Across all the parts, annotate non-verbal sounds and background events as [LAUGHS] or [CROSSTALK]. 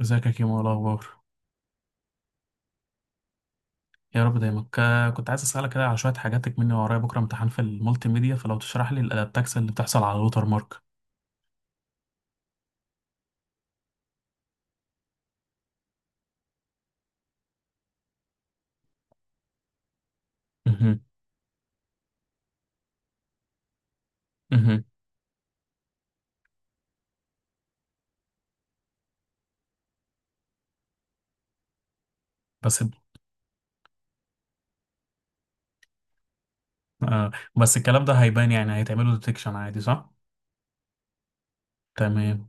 ازيك يا كيمو، إيه الاخبار؟ يا رب دايما. كنت عايز اسالك كده على شويه حاجاتك، مني ورايا بكره امتحان في المالتي ميديا، فلو تشرح لي الادابتكس اللي بتحصل على الوتر مارك. مهم. مهم. بس. آه. بس الكلام ده هيبان، يعني هيتعمله ديتكشن عادي، صح؟ تمام.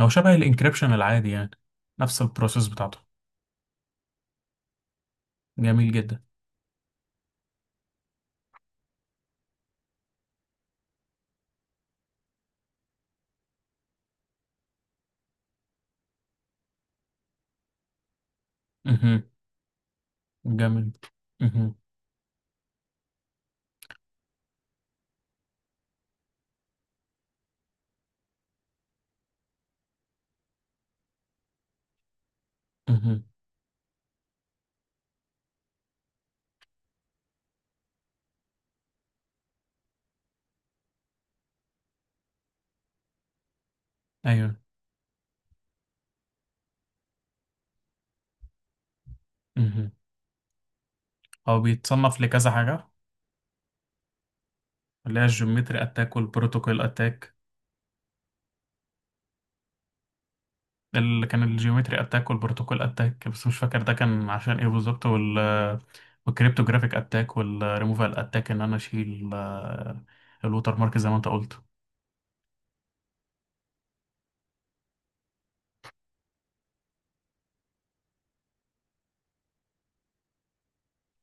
هو شبه الانكريبشن العادي يعني. نفس البروسيس بتاعته. جميل جدا. مهم. جميل. مهم. مهم. ايوه. مهم. هو بيتصنف لكذا حاجه، اللي هي الجيومتري اتاك والبروتوكول اتاك. اللي كان الجيومتري اتاك والبروتوكول اتاك، بس مش فاكر ده كان عشان ايه بالظبط. والكريبتوجرافيك اتاك والريموفال اتاك، ان انا اشيل الوتر مارك زي ما انت قلت.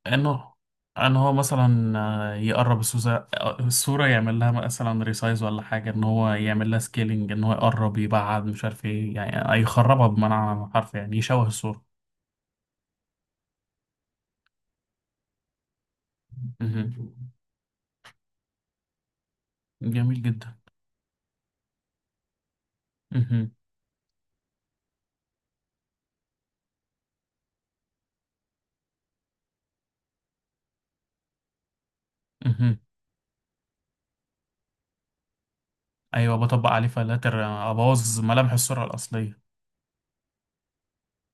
انه ان هو مثلا يقرب الصوره. الصوره يعمل لها مثلا ريسايز ولا حاجه، ان هو يعمل لها سكيلينج، ان هو يقرب يبعد مش عارف ايه، يعني يخربها بمعنى حرف، يعني يشوه الصوره. مهم. جميل جدا. مهم. مهم. ايوه، بطبق عليه فلاتر ابوظ ملامح الصوره الاصليه.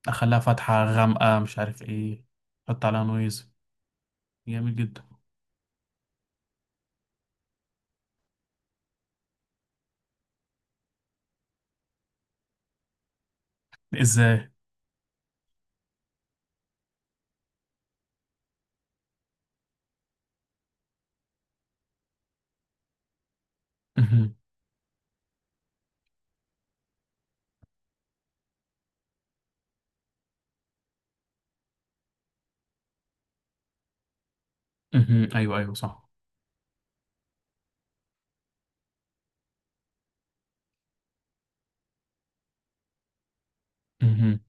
اخليها فاتحة غامقة، مش عارف ايه. حط عليها نويز. جميل جدا. ازاي؟ مهم. مهم. ايوه، ايوه، صح. مهم.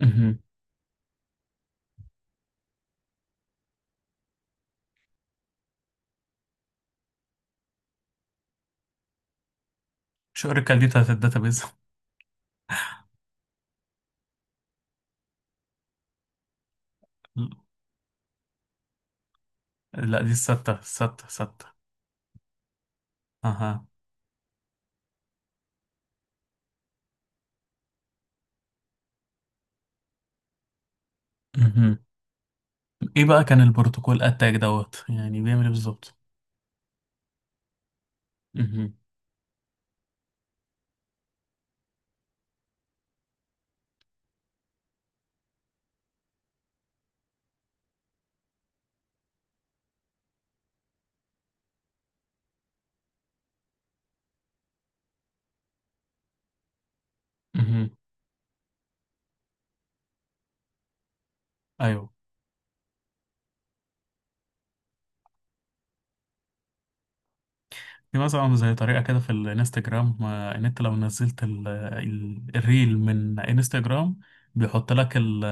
مهم. شو الركال دي بتاعت الداتابيز؟ [LAUGHS] لا، دي الستة الستة الستة. اها. مهم. ايه بقى كان البروتوكول اتاك دوت، يعني بيعمل ايه بالظبط؟ مهم. مهم. ايوه. في مثلا زي طريقة كده في الانستجرام، ان انت لو نزلت الريل من انستجرام، بيحط لك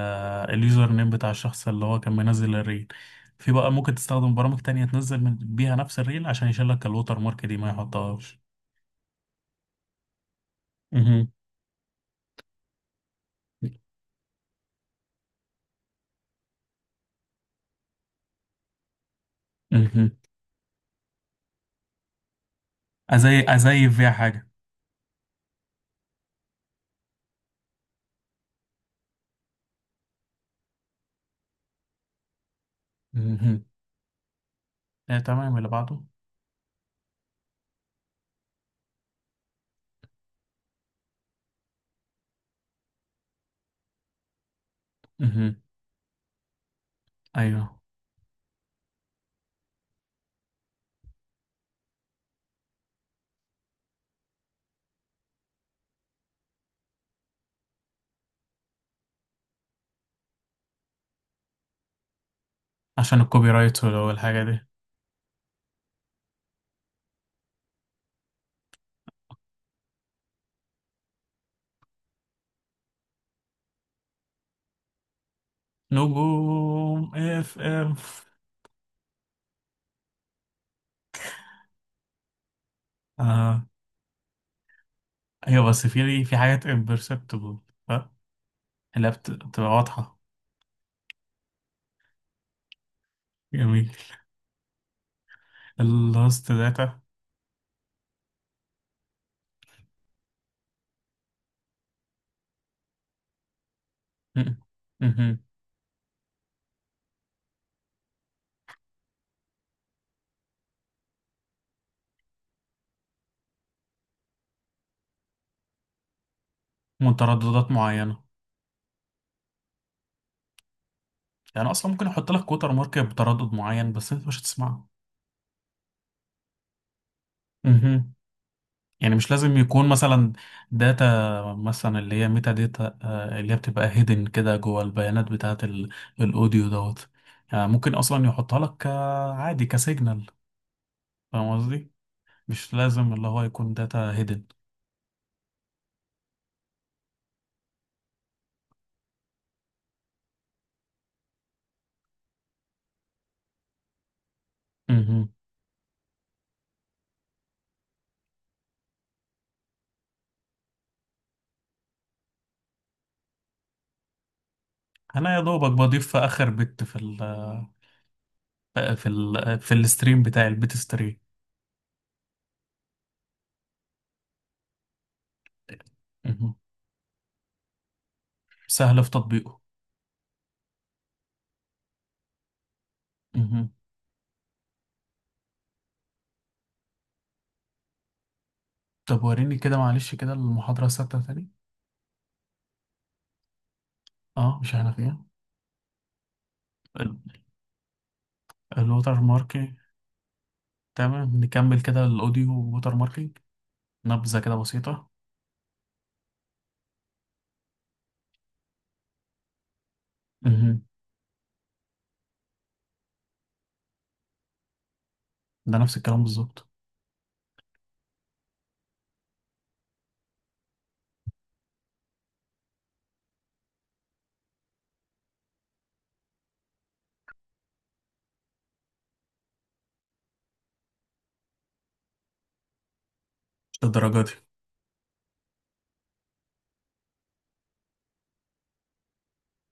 اليوزر نيم بتاع الشخص اللي هو كان منزل الريل. في بقى ممكن تستخدم برامج تانية تنزل من بيها نفس الريل، عشان يشيل لك الوتر مارك دي، ما يحطهاش. مهم. مهم. أزيف فيها حاجة؟ مهم. آه، تمام، اللي بعده. مهم. أيوه، عشان الكوبي رايت والحاجة دي. نجوم اف اف. آه، أيوه، بس في حاجات imperceptible. ها. اللي هي بتبقى واضحة. جميل. اللاست داتا. مترددات معينة. يعني اصلا ممكن احط لك كوتر مارك بتردد معين، بس انت مش هتسمعه. مهم. يعني مش لازم يكون مثلا داتا، مثلا اللي هي ميتا داتا، اللي هي بتبقى هيدن كده جوه البيانات بتاعة الاوديو دوت. يعني ممكن اصلا يحطها لك عادي كسيجنال. فاهم قصدي؟ مش لازم اللي هو يكون داتا هيدن. مهم. انا يا دوبك بضيف في اخر بت في الستريم بتاعي البيت ستريم. مهم. سهل في تطبيقه. طب وريني كده، معلش، كده المحاضرة الثابتة تاني. اه، مش احنا فيها؟ الوتر ماركينج. تمام، نكمل كده الاوديو ووتر ماركينج. نبذة كده بسيطة. مهم. ده نفس الكلام بالظبط. مش للدرجة دي.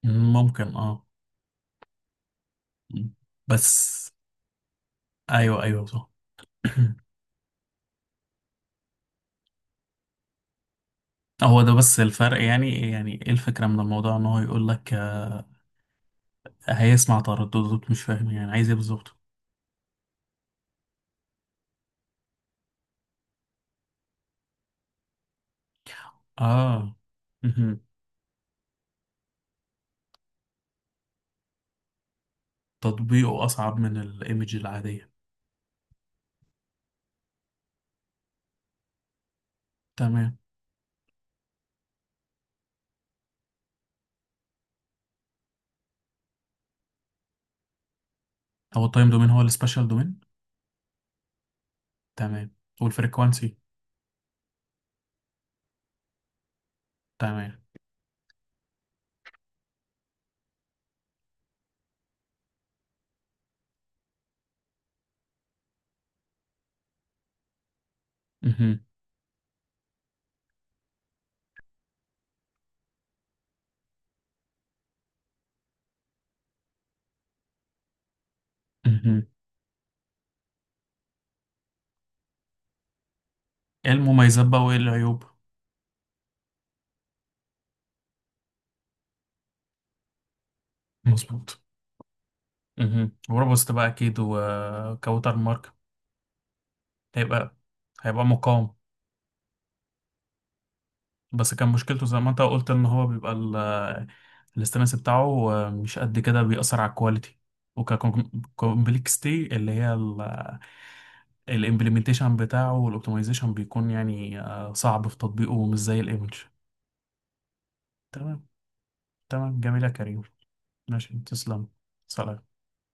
ممكن، اه. مم. بس. ايوه، ايوه، صح. [CLEARS THROAT] هو ده بس الفرق، يعني ايه الفكرة من الموضوع؟ ان هو يقول لك هيسمع ترددات، مش فاهم يعني عايز ايه بالظبط؟ اه. مهم. تطبيقه اصعب من الايمج العادية. تمام. هو التايم دومين هو السبيشال دومين. تمام، والفريكوانسي، تمام. مهم. مهم. ايه المميزات بقى وايه العيوب؟ مظبوط. مهم. وروبوست بقى اكيد، وكوتر مارك هيبقى هيبقى مقاوم. بس كان مشكلته زي ما انت قلت، ان هو بيبقى الاستانس بتاعه مش قد كده، بيأثر على الكواليتي. وككومبلكستي، اللي هي الامبلمنتيشن بتاعه والاوبتمايزيشن، بيكون يعني صعب في تطبيقه ومش زي الايمج. تمام. تمام، جميل يا كريم. ماشي، تسلم، سلام.